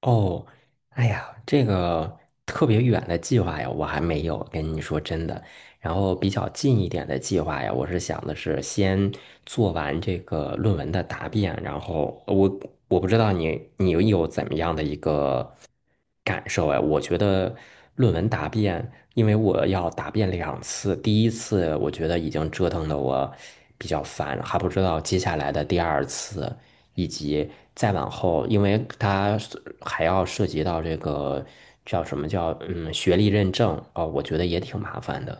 哦，哎呀，这个特别远的计划呀，我还没有跟你说真的。然后比较近一点的计划呀，我是想的是先做完这个论文的答辩，然后我不知道你有怎么样的一个感受哎，我觉得论文答辩，因为我要答辩两次，第一次我觉得已经折腾的我比较烦，还不知道接下来的第二次。以及再往后，因为它还要涉及到这个叫什么叫学历认证啊，我觉得也挺麻烦的。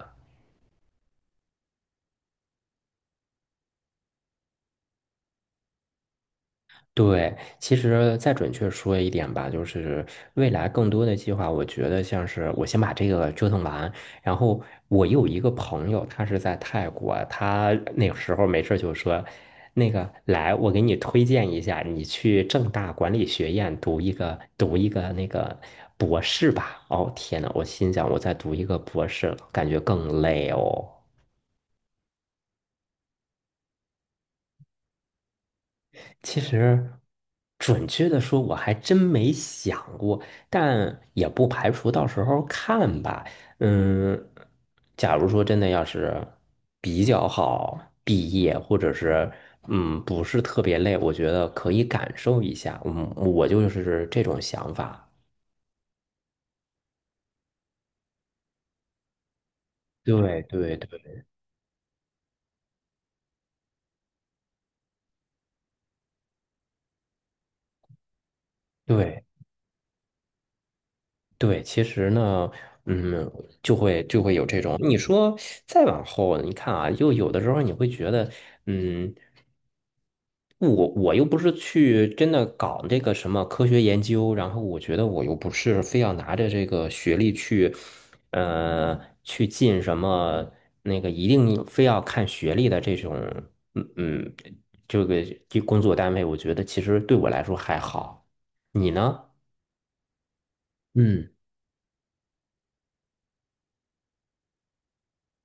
对，其实再准确说一点吧，就是未来更多的计划，我觉得像是我先把这个折腾完，然后我有一个朋友，他是在泰国，他那个时候没事儿就说，那个来，我给你推荐一下，你去正大管理学院读一个那个博士吧。哦，天呐，我心想我再读一个博士，感觉更累哦。其实，准确的说，我还真没想过，但也不排除到时候看吧。嗯，假如说真的要是比较好毕业，或者是不是特别累，我觉得可以感受一下。嗯，我就是这种想法。对对对对对，其实呢，嗯，就会有这种。你说再往后，你看啊，又有的时候你会觉得，嗯。我又不是去真的搞这个什么科学研究，然后我觉得我又不是非要拿着这个学历去，呃，去进什么那个一定非要看学历的这种，嗯嗯，这个这工作单位，我觉得其实对我来说还好。你呢？嗯，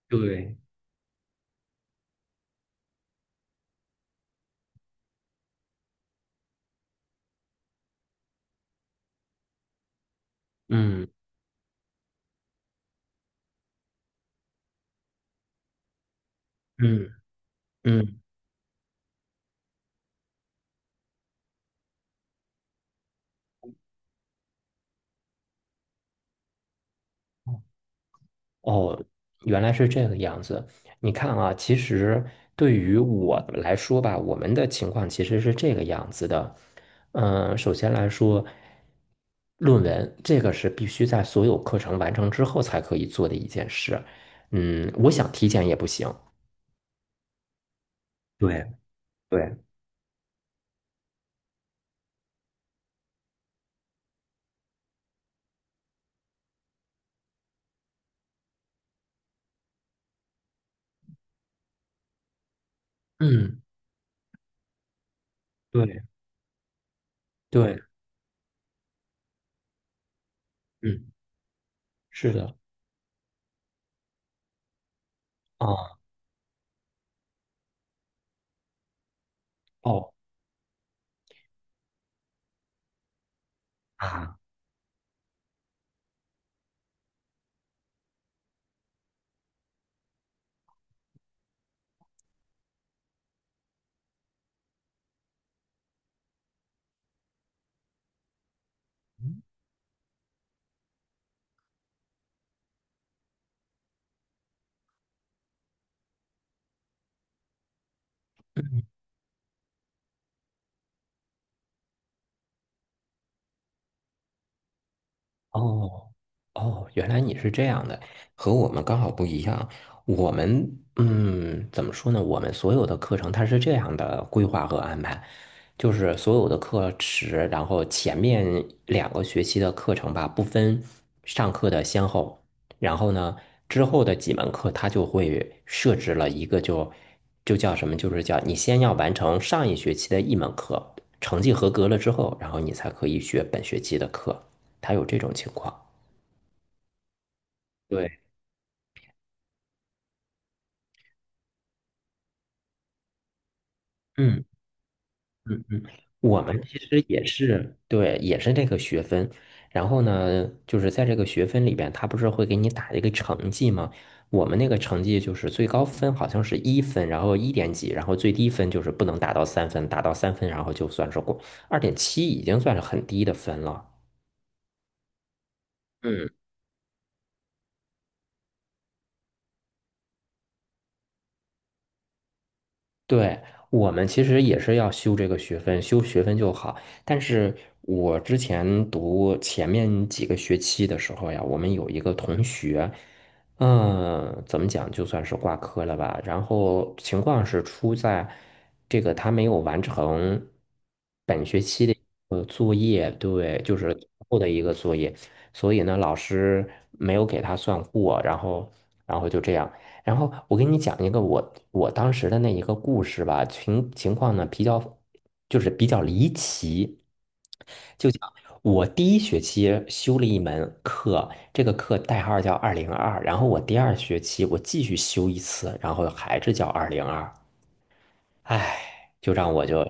对，嗯嗯嗯哦，原来是这个样子。你看啊，其实对于我来说吧，我们的情况其实是这个样子的。首先来说，论文这个是必须在所有课程完成之后才可以做的一件事。我想提前也不行。对对嗯，对对，嗯，是的。啊，哦啊，哦。哦，原来你是这样的，和我们刚好不一样。我们，怎么说呢？我们所有的课程它是这样的规划和安排，就是所有的课时，然后前面两个学期的课程吧，不分上课的先后，然后呢，之后的几门课它就会设置了一个就叫什么，就是叫你先要完成上一学期的一门课，成绩合格了之后，然后你才可以学本学期的课，它有这种情况。对。嗯嗯嗯，我们其实也是，对，也是这个学分。然后呢，就是在这个学分里边，他不是会给你打一个成绩吗？我们那个成绩就是最高分好像是1分，然后1点几，然后最低分就是不能达到三分，达到三分然后就算是过，2.7已经算是很低的分了。嗯。对，我们其实也是要修这个学分，修学分就好。但是我之前读前面几个学期的时候呀，我们有一个同学，怎么讲，就算是挂科了吧。然后情况是出在这个他没有完成本学期的作业，对，就是最后的一个作业，所以呢，老师没有给他算过，然后就这样。然后我给你讲一个我当时的那一个故事吧，情况呢比较就是比较离奇，就讲我第一学期修了一门课，这个课代号叫二零二，然后我第二学期我继续修一次，然后还是叫二零二，唉，就让我就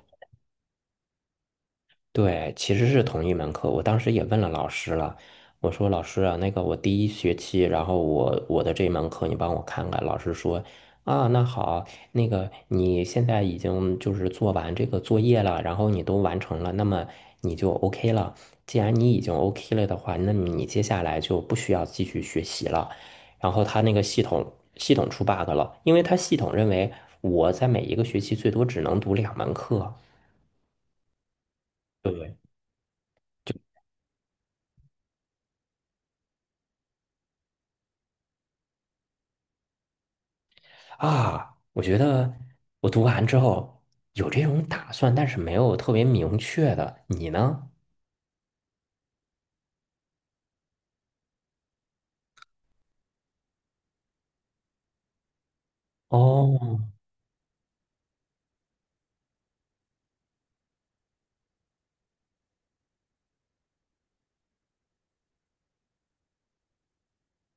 对，其实是同一门课。我当时也问了老师了，我说老师啊，那个我第一学期，然后我的这门课你帮我看看。老师说啊，那好，那个你现在已经就是做完这个作业了，然后你都完成了，那么你就 OK 了。既然你已经 OK 了的话，那么你接下来就不需要继续学习了。然后他那个系统出 bug 了，因为他系统认为我在每一个学期最多只能读两门课。对。不对？啊，我觉得我读完之后有这种打算，但是没有特别明确的。你呢？哦，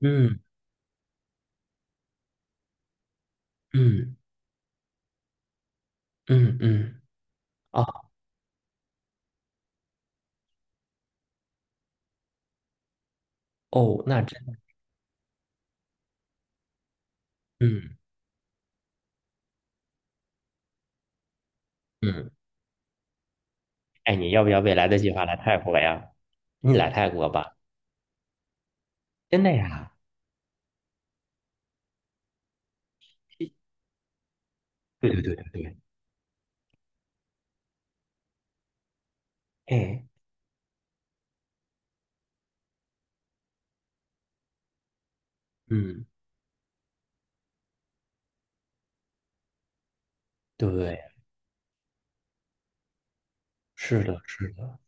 嗯嗯嗯嗯，啊哦，那真的，嗯嗯，哎，你要不要未来的计划来泰国呀？你来泰国吧，真的呀？对对对对对，哎，嗯，对，是的，是的，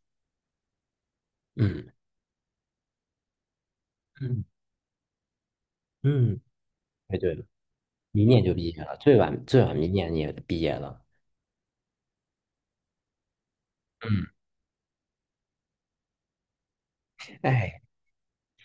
嗯嗯嗯，哎对了，明年就毕业了，最晚最晚明年也毕业了，嗯，哎。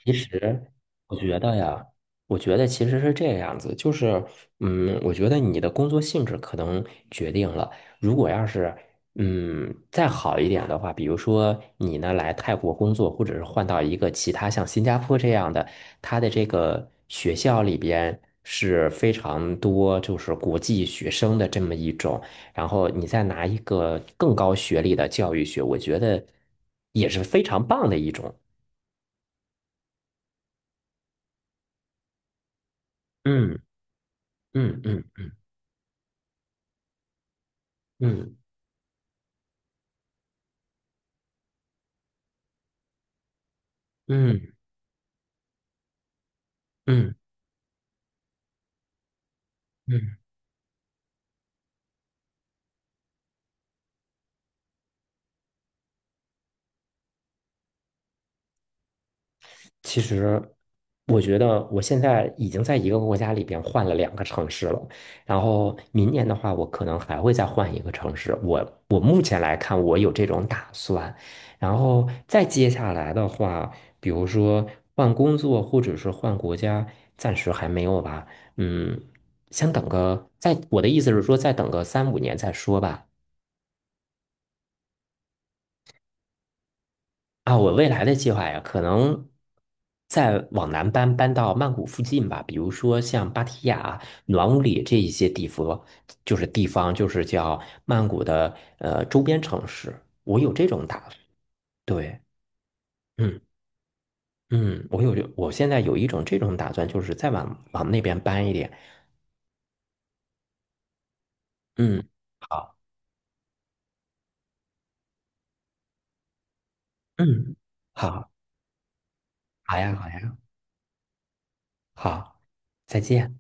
其实我觉得呀，我觉得其实是这样子，就是，我觉得你的工作性质可能决定了，如果要是，再好一点的话，比如说你呢来泰国工作，或者是换到一个其他像新加坡这样的，它的这个学校里边是非常多就是国际学生的这么一种，然后你再拿一个更高学历的教育学，我觉得也是非常棒的一种。嗯嗯嗯。嗯嗯嗯嗯，其实我觉得我现在已经在一个国家里边换了两个城市了，然后明年的话，我可能还会再换一个城市。我目前来看，我有这种打算。然后再接下来的话，比如说换工作或者是换国家，暂时还没有吧。嗯，先等个，我的意思是说，再等个三五年再说吧。啊，我未来的计划呀，可能再往南搬，搬到曼谷附近吧，比如说像芭提雅、暖武里这一些地方，就是地方，就是叫曼谷的周边城市。我有这种打算，对，嗯嗯，我现在有一种这种打算，就是再往那边搬一点。嗯，好，嗯，好，好呀，好呀，好，再见。